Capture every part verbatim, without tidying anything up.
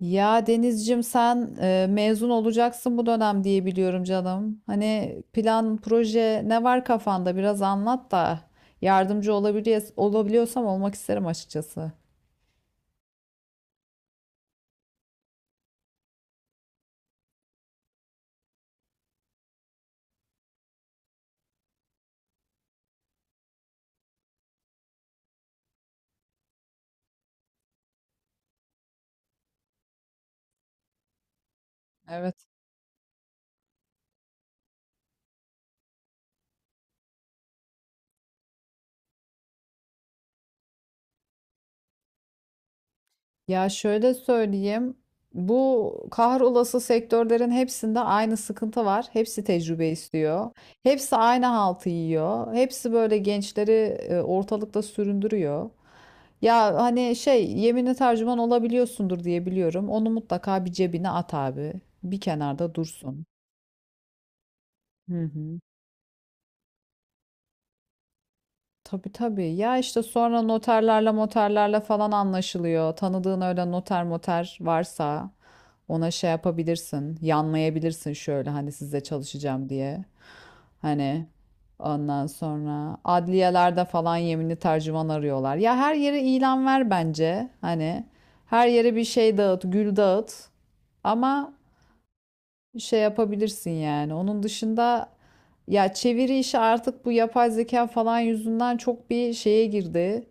Ya Denizcim, sen e, mezun olacaksın bu dönem diye biliyorum canım. Hani plan, proje ne var kafanda biraz anlat da yardımcı olabiliyor, olabiliyorsam olmak isterim açıkçası. Evet. Ya şöyle söyleyeyim. Bu kahrolası sektörlerin hepsinde aynı sıkıntı var. Hepsi tecrübe istiyor. Hepsi aynı haltı yiyor. Hepsi böyle gençleri e, ortalıkta süründürüyor. Ya hani şey yeminli tercüman olabiliyorsundur diye biliyorum. Onu mutlaka bir cebine at abi. Bir kenarda dursun. Hı hı. Tabii tabii. Ya işte sonra noterlerle moterlerle falan anlaşılıyor. Tanıdığın öyle noter moter varsa ona şey yapabilirsin. Yanmayabilirsin şöyle hani sizle çalışacağım diye. Hani ondan sonra adliyelerde falan yeminli tercüman arıyorlar. Ya her yere ilan ver bence. Hani her yere bir şey dağıt, gül dağıt. Ama şey yapabilirsin yani. Onun dışında ya çeviri işi artık bu yapay zeka falan yüzünden çok bir şeye girdi.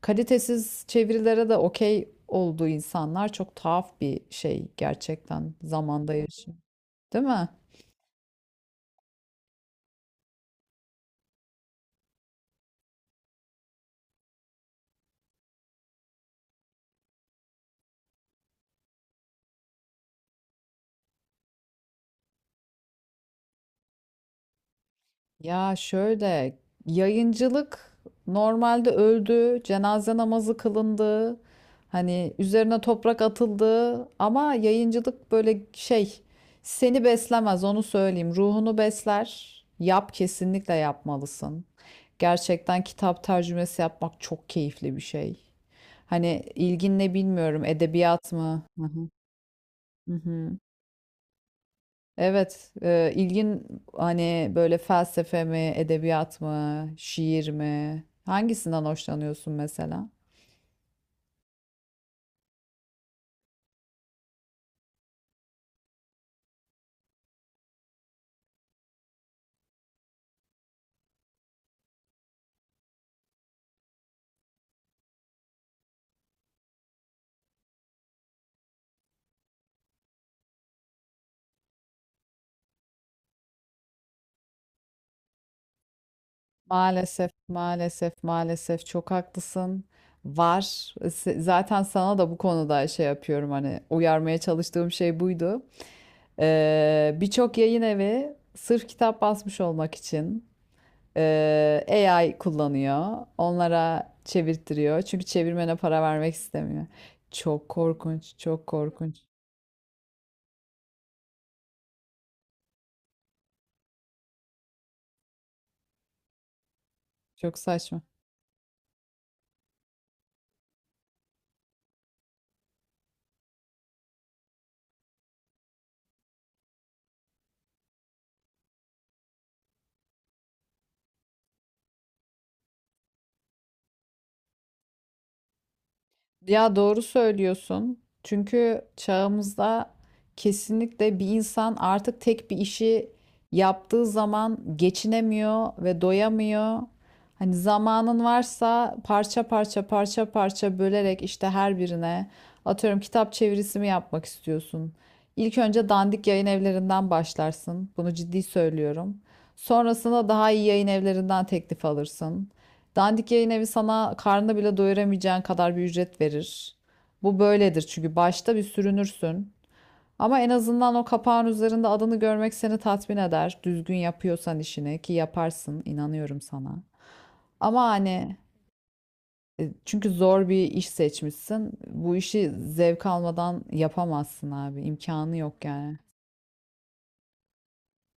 Kalitesiz çevirilere de okey oldu insanlar çok tuhaf bir şey gerçekten zamanda yaşıyor. Değil mi? Ya şöyle yayıncılık normalde öldü, cenaze namazı kılındı, hani üzerine toprak atıldı ama yayıncılık böyle şey seni beslemez onu söyleyeyim. Ruhunu besler. Yap kesinlikle yapmalısın. Gerçekten kitap tercümesi yapmak çok keyifli bir şey. Hani ilgin ne bilmiyorum edebiyat mı? Hı hı. Hı hı. Evet, e, ilgin hani böyle felsefe mi, edebiyat mı, şiir mi? Hangisinden hoşlanıyorsun mesela? Maalesef, maalesef, maalesef çok haklısın. Var. Se- Zaten sana da bu konuda şey yapıyorum hani uyarmaya çalıştığım şey buydu. Ee, birçok yayın evi sırf kitap basmış olmak için e, A I kullanıyor. Onlara çevirtiriyor. Çünkü çevirmene para vermek istemiyor. Çok korkunç, çok korkunç. Çok saçma. Ya doğru söylüyorsun. Çünkü çağımızda kesinlikle bir insan artık tek bir işi yaptığı zaman geçinemiyor ve doyamıyor. Hani zamanın varsa parça parça parça parça bölerek işte her birine atıyorum kitap çevirisi mi yapmak istiyorsun? İlk önce dandik yayın evlerinden başlarsın. Bunu ciddi söylüyorum. Sonrasında daha iyi yayın evlerinden teklif alırsın. Dandik yayın evi sana karnını bile doyuramayacağın kadar bir ücret verir. Bu böyledir çünkü başta bir sürünürsün. Ama en azından o kapağın üzerinde adını görmek seni tatmin eder. Düzgün yapıyorsan işini ki yaparsın, inanıyorum sana. Ama hani e, çünkü zor bir iş seçmişsin. Bu işi zevk almadan yapamazsın abi. İmkanı yok yani.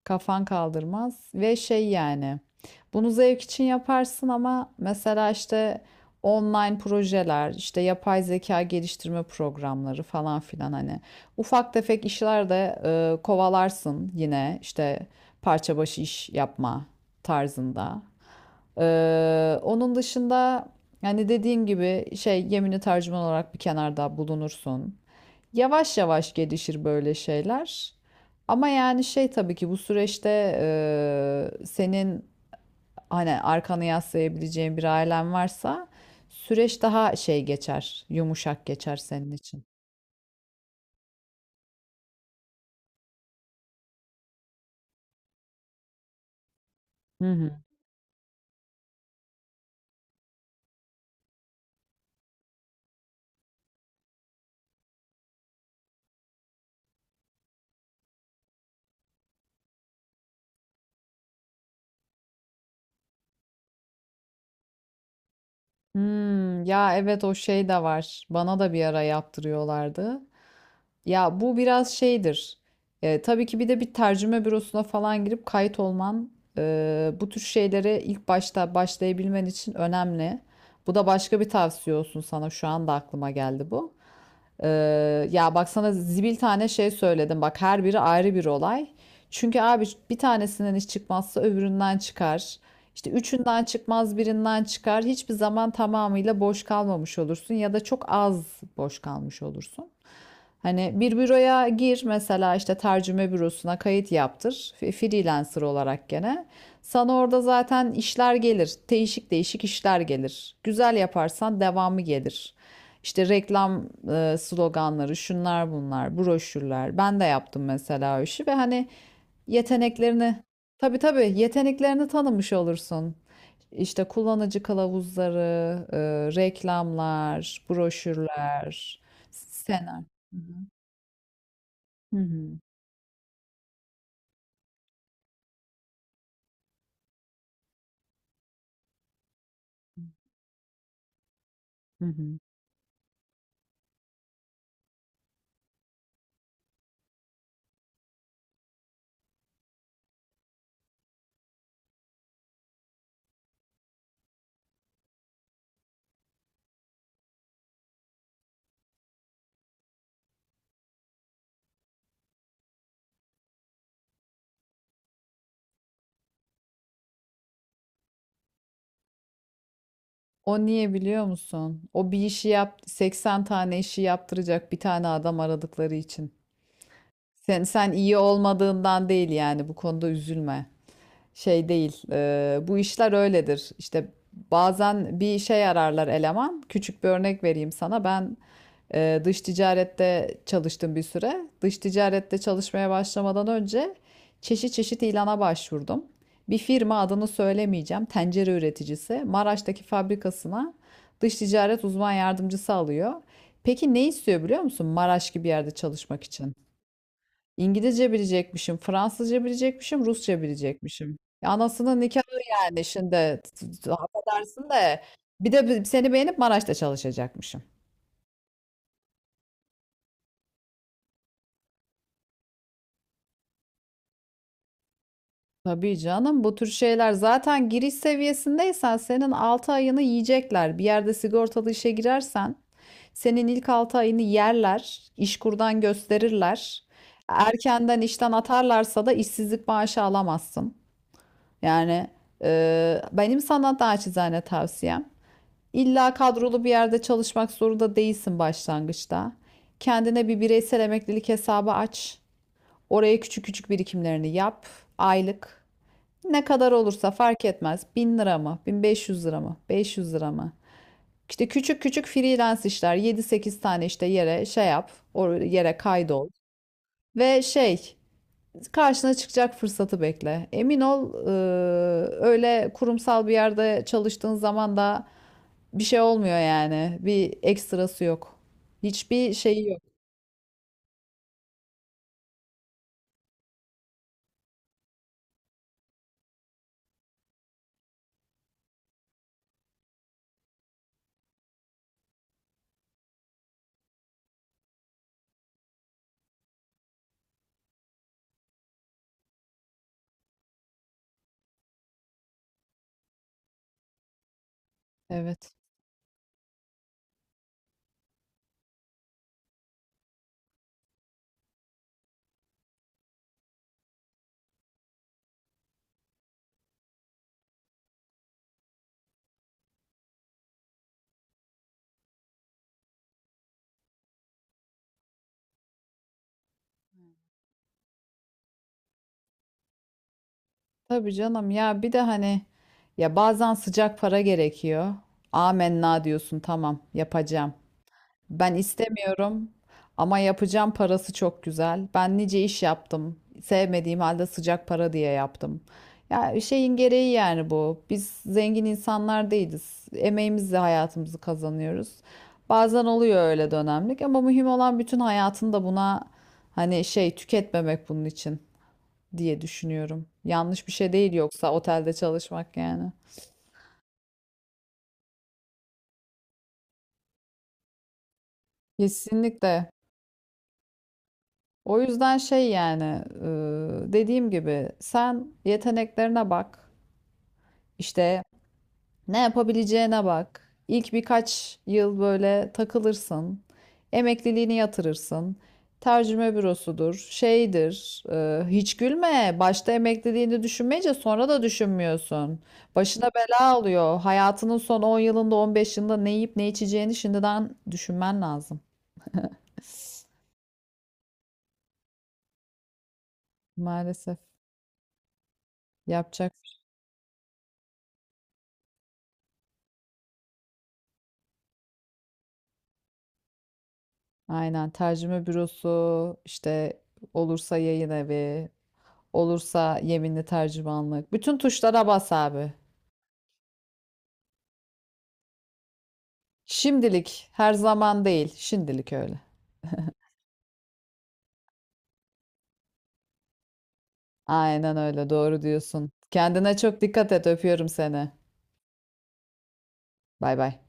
Kafan kaldırmaz ve şey yani bunu zevk için yaparsın ama mesela işte online projeler işte yapay zeka geliştirme programları falan filan hani ufak tefek işler de e, kovalarsın yine işte parça başı iş yapma tarzında. Ee, onun dışında hani dediğim gibi şey yemini tercüman olarak bir kenarda bulunursun. Yavaş yavaş gelişir böyle şeyler. Ama yani şey tabii ki bu süreçte eee, senin hani arkanı yaslayabileceğin bir ailen varsa süreç daha şey geçer, yumuşak geçer senin için. Hı hı. Hmm, ya evet o şey de var. Bana da bir ara yaptırıyorlardı. Ya bu biraz şeydir. E, tabii ki bir de bir tercüme bürosuna falan girip kayıt olman e, bu tür şeylere ilk başta başlayabilmen için önemli. Bu da başka bir tavsiye olsun sana. Şu anda aklıma geldi bu. Ee, ya bak sana zibil tane şey söyledim. Bak her biri ayrı bir olay. Çünkü abi bir tanesinden iş çıkmazsa öbüründen çıkar. İşte üçünden çıkmaz birinden çıkar. Hiçbir zaman tamamıyla boş kalmamış olursun ya da çok az boş kalmış olursun. Hani bir büroya gir mesela işte tercüme bürosuna kayıt yaptır. F- Freelancer olarak gene. Sana orada zaten işler gelir. Değişik değişik işler gelir. Güzel yaparsan devamı gelir. İşte reklam e, sloganları, şunlar bunlar, broşürler. Ben de yaptım mesela o işi ve hani yeteneklerini, tabii tabii yeteneklerini tanımış olursun. İşte kullanıcı kılavuzları, e, reklamlar, broşürler, senaryo. Hı hı. Hı hı. Hı hı. O niye biliyor musun? O bir işi yap, seksen tane işi yaptıracak bir tane adam aradıkları için. Sen sen iyi olmadığından değil yani bu konuda üzülme. Şey değil. E, bu işler öyledir. İşte bazen bir şey ararlar eleman. Küçük bir örnek vereyim sana. Ben e, dış ticarette çalıştım bir süre. Dış ticarette çalışmaya başlamadan önce çeşit çeşit ilana başvurdum. Bir firma adını söylemeyeceğim. Tencere üreticisi Maraş'taki fabrikasına dış ticaret uzman yardımcısı alıyor. Peki ne istiyor biliyor musun? Maraş gibi yerde çalışmak için. İngilizce bilecekmişim, Fransızca bilecekmişim, Rusça bilecekmişim. Ya anasının nikahı yani şimdi t- t- affedersin de bir de bi- seni beğenip Maraş'ta çalışacakmışım. Tabii canım bu tür şeyler zaten giriş seviyesindeysen senin altı ayını yiyecekler. Bir yerde sigortalı işe girersen senin ilk altı ayını yerler, işkurdan gösterirler. Erkenden işten atarlarsa da işsizlik maaşı alamazsın. Yani e, benim sana naçizane tavsiyem, İlla kadrolu bir yerde çalışmak zorunda değilsin başlangıçta. Kendine bir bireysel emeklilik hesabı aç. Oraya küçük küçük birikimlerini yap. Aylık. Ne kadar olursa fark etmez. bin lira mı? bin beş yüz lira mı? beş yüz lira mı? İşte küçük küçük freelance işler. yedi sekiz tane işte yere şey yap. O yere kaydol. Ve şey karşına çıkacak fırsatı bekle. Emin ol, eee, öyle kurumsal bir yerde çalıştığın zaman da bir şey olmuyor yani. Bir ekstrası yok. Hiçbir şeyi yok. Evet. Tabii canım ya bir de hani ya bazen sıcak para gerekiyor. Amenna diyorsun tamam yapacağım. Ben istemiyorum ama yapacağım parası çok güzel. Ben nice iş yaptım. Sevmediğim halde sıcak para diye yaptım. Ya şeyin gereği yani bu. Biz zengin insanlar değiliz. Emeğimizle hayatımızı kazanıyoruz. Bazen oluyor öyle dönemlik ama mühim olan bütün hayatında buna hani şey tüketmemek bunun için diye düşünüyorum. Yanlış bir şey değil yoksa otelde çalışmak yani. Kesinlikle. O yüzden şey yani e, dediğim gibi sen yeteneklerine bak. İşte ne yapabileceğine bak. İlk birkaç yıl böyle takılırsın. Emekliliğini yatırırsın. Tercüme bürosudur, şeydir. E, hiç gülme. Başta emekliliğini düşünmeyince sonra da düşünmüyorsun. Başına bela alıyor. Hayatının son on yılında, on beş yılında ne yiyip ne içeceğini şimdiden düşünmen lazım. Maalesef yapacak. Aynen tercüme bürosu işte olursa yayın evi olursa yeminli tercümanlık bütün tuşlara bas abi. Şimdilik her zaman değil şimdilik öyle. Aynen öyle doğru diyorsun. Kendine çok dikkat et öpüyorum seni. Bay bay.